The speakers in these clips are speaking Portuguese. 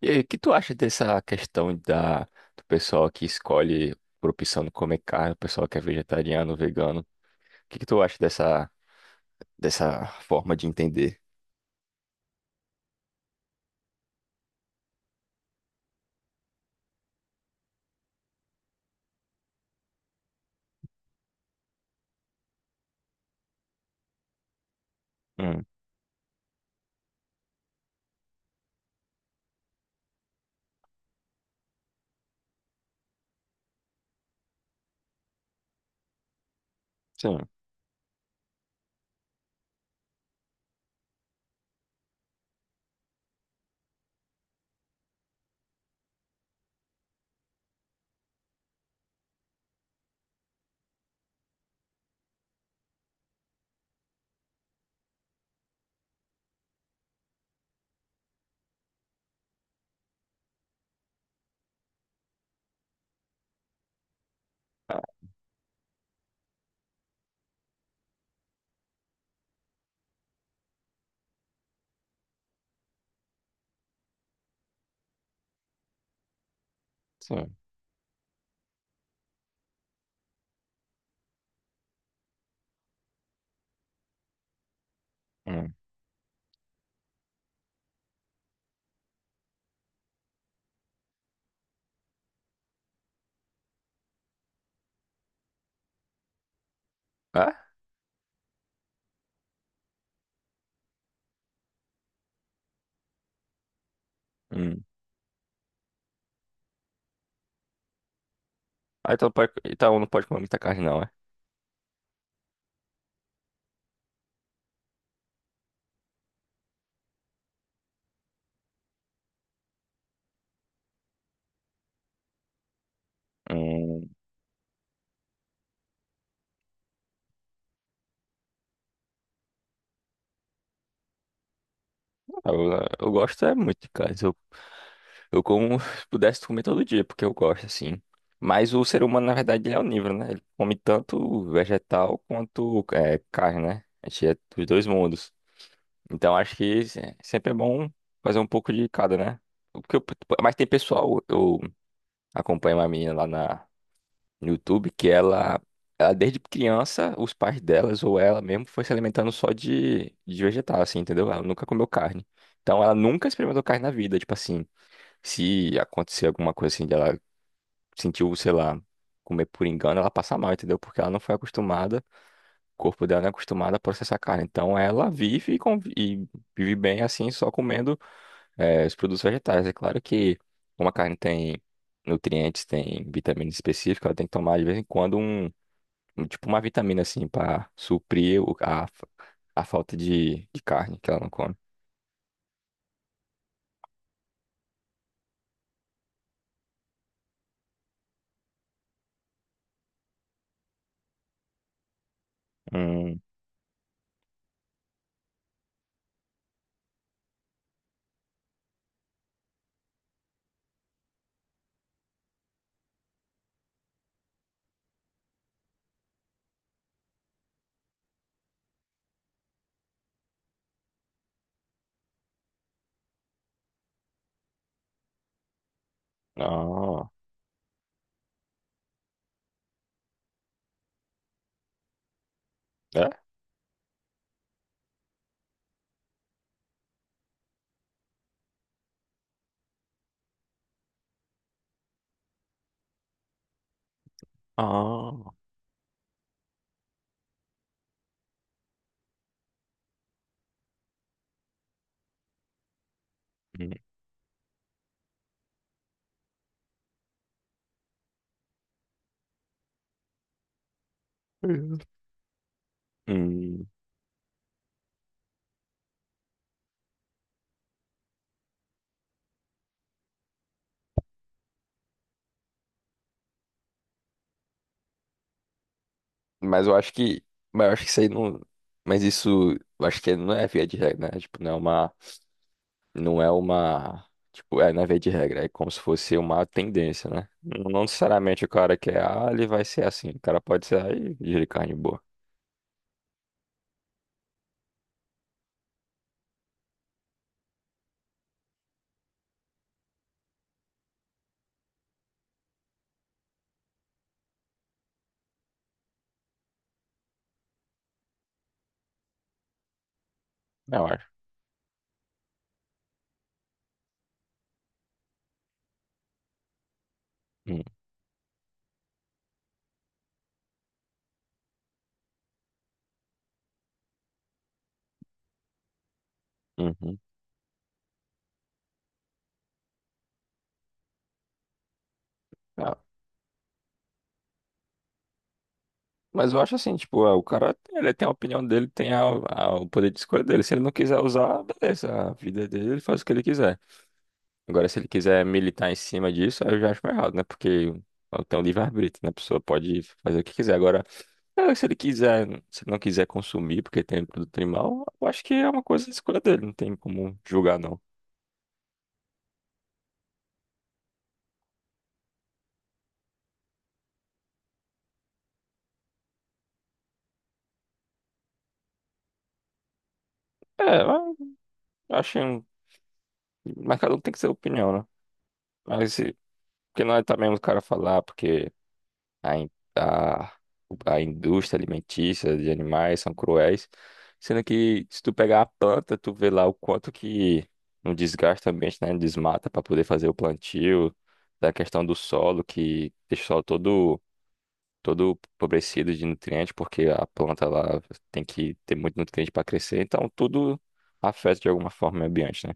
E aí, o que tu acha dessa questão do pessoal que escolhe por opção não comer carne, o pessoal que é vegetariano, vegano? O que que tu acha dessa forma de entender? Hum, sim. Ah, sim. Hum. Ah? Hum. Ah, então, pode, então não pode comer muita carne, não, é? Hum. Ah, eu gosto é muito de carne. Eu como se pudesse comer todo dia, porque eu gosto, assim. Mas o ser humano, na verdade, ele é onívoro, né? Ele come tanto vegetal quanto é, carne, né? A gente é dos dois mundos. Então acho que sempre é bom fazer um pouco de cada, né? Porque eu- mas tem pessoal, eu acompanho uma menina lá no YouTube que ela desde criança, os pais delas ou ela mesmo foi se alimentando só de vegetal, assim, entendeu? Ela nunca comeu carne. Então ela nunca experimentou carne na vida, tipo assim, se acontecer alguma coisa assim, de ela sentiu, sei lá, comer por engano, ela passa mal, entendeu? Porque ela não foi acostumada, o corpo dela não é acostumado a processar carne. Então ela vive e convi- e vive bem assim, só comendo os produtos vegetais. É claro que como a carne tem nutrientes, tem vitamina específica, ela tem que tomar de vez em quando tipo uma vitamina assim para suprir a falta de carne que ela não come. Hum, ah, é? Ah, hum, hum. Mas eu acho que, mas eu acho que isso aí não, mas isso, eu acho que não é via de regra, né? Tipo, não é uma não é uma. Tipo, é, não é via de regra, é como se fosse uma tendência, né? Não necessariamente o cara que é A, ele vai ser assim. O cara pode ser A e de carne boa. Eu acho. Hum, uhum. Ah, mas eu acho assim, tipo, ah, o cara ele tem a opinião dele, tem o poder de escolha dele. Se ele não quiser usar, beleza, a vida dele, ele faz o que ele quiser. Agora, se ele quiser militar em cima disso, aí eu já acho meio errado, né? Porque ela tem um livre-arbítrio, né? A pessoa pode fazer o que quiser. Agora, se ele quiser, se ele não quiser consumir porque tem produto animal, eu acho que é uma coisa de escolha dele, não tem como julgar, não. É, eu acho. Mas cada um tem que ter opinião, né? Mas, porque não é também o cara falar, porque a, in- a, a indústria alimentícia de animais são cruéis. Sendo que se tu pegar a planta, tu vê lá o quanto que não desgasta o ambiente, né? Desmata para poder fazer o plantio, da questão do solo, que deixa o solo todo empobrecido de nutrientes, porque a planta lá tem que ter muito nutriente para crescer, então tudo afeta de alguma forma o meio ambiente, né?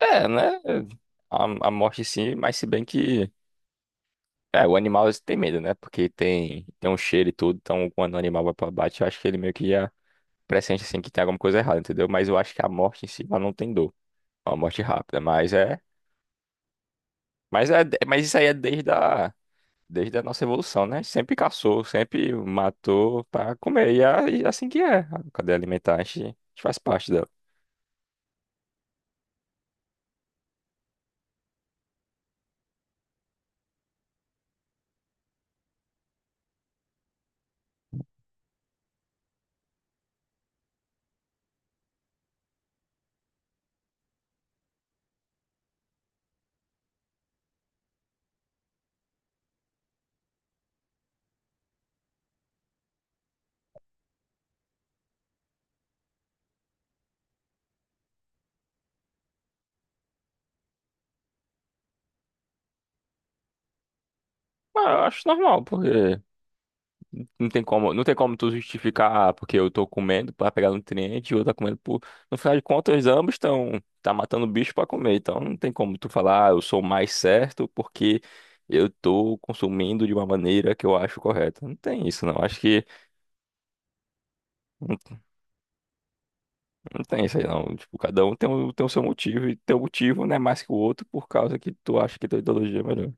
É, né? A morte sim, mas se bem que é, o animal tem medo, né? Porque tem um cheiro e tudo, então quando o animal vai pra bate, eu acho que ele meio que já pressente assim que tem alguma coisa errada, entendeu? Mas eu acho que a morte em si ela não tem dor. É uma morte rápida, mas isso aí é desde a nossa evolução, né? Sempre caçou, sempre matou pra comer e é assim que é. A cadeia alimentar, a gente faz parte dela. Mas eu acho normal, porque não tem como tu justificar, ah, porque eu tô comendo pra pegar nutriente e o outro tá comendo por. No final de contas, ambos estão matando bicho pra comer. Então não tem como tu falar, ah, eu sou mais certo porque eu tô consumindo de uma maneira que eu acho correta. Não tem isso, não. Acho que não, não tem isso aí, não. Tipo, cada um tem tem o seu motivo e teu motivo não é mais que o outro por causa que tu acha que tua ideologia é melhor.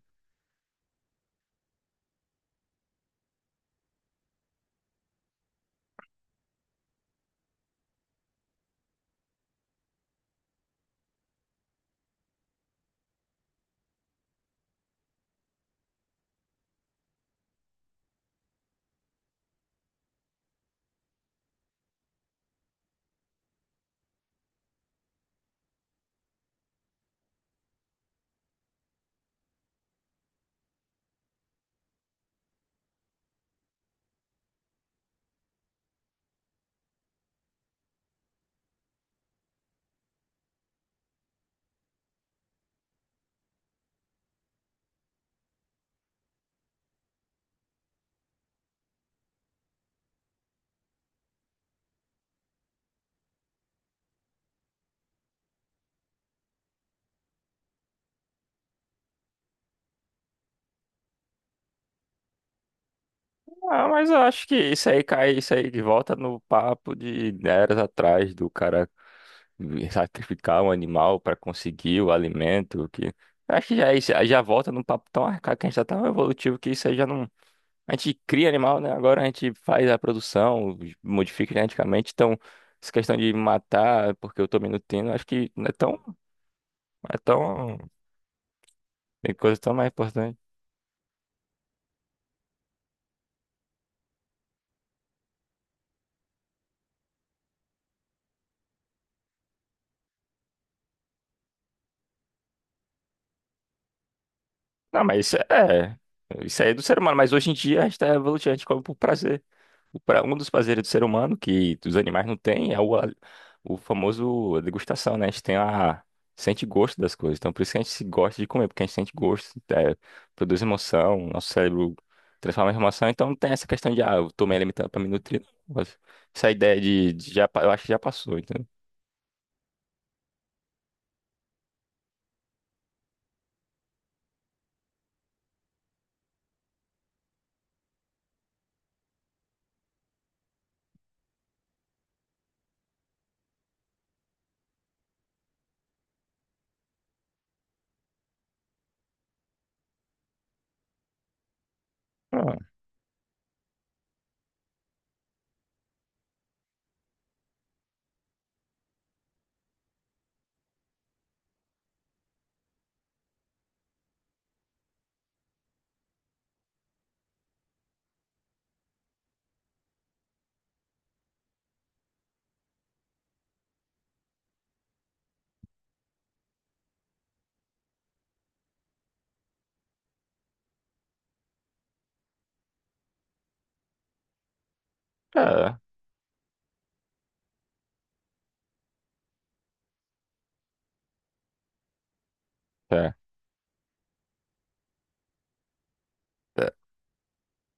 Ah, mas eu acho que isso aí cai, isso aí de volta no papo de eras atrás do cara sacrificar um animal para conseguir o alimento, que acho que já é isso, já volta num papo tão arcaico que a gente tá tão evolutivo que isso aí já não. A gente cria animal, né? Agora a gente faz a produção, modifica geneticamente, então essa questão de matar porque eu tô me nutrindo, acho que não é tão, é tão, tem coisa tão mais importante. Não, mas isso é, isso aí é do ser humano, mas hoje em dia a gente tá evolutivo, a gente come por prazer. Para um dos prazeres do ser humano, que os animais não têm, o famoso degustação, né? A gente tem a, sente gosto das coisas. Então, por isso que a gente se gosta de comer, porque a gente sente gosto, é, produz emoção, nosso cérebro transforma em emoção. Então, não tem essa questão de, ah, eu tomei alimentando para me nutrir. Não. Essa ideia eu acho que já passou, entendeu? Ah, é, é. É.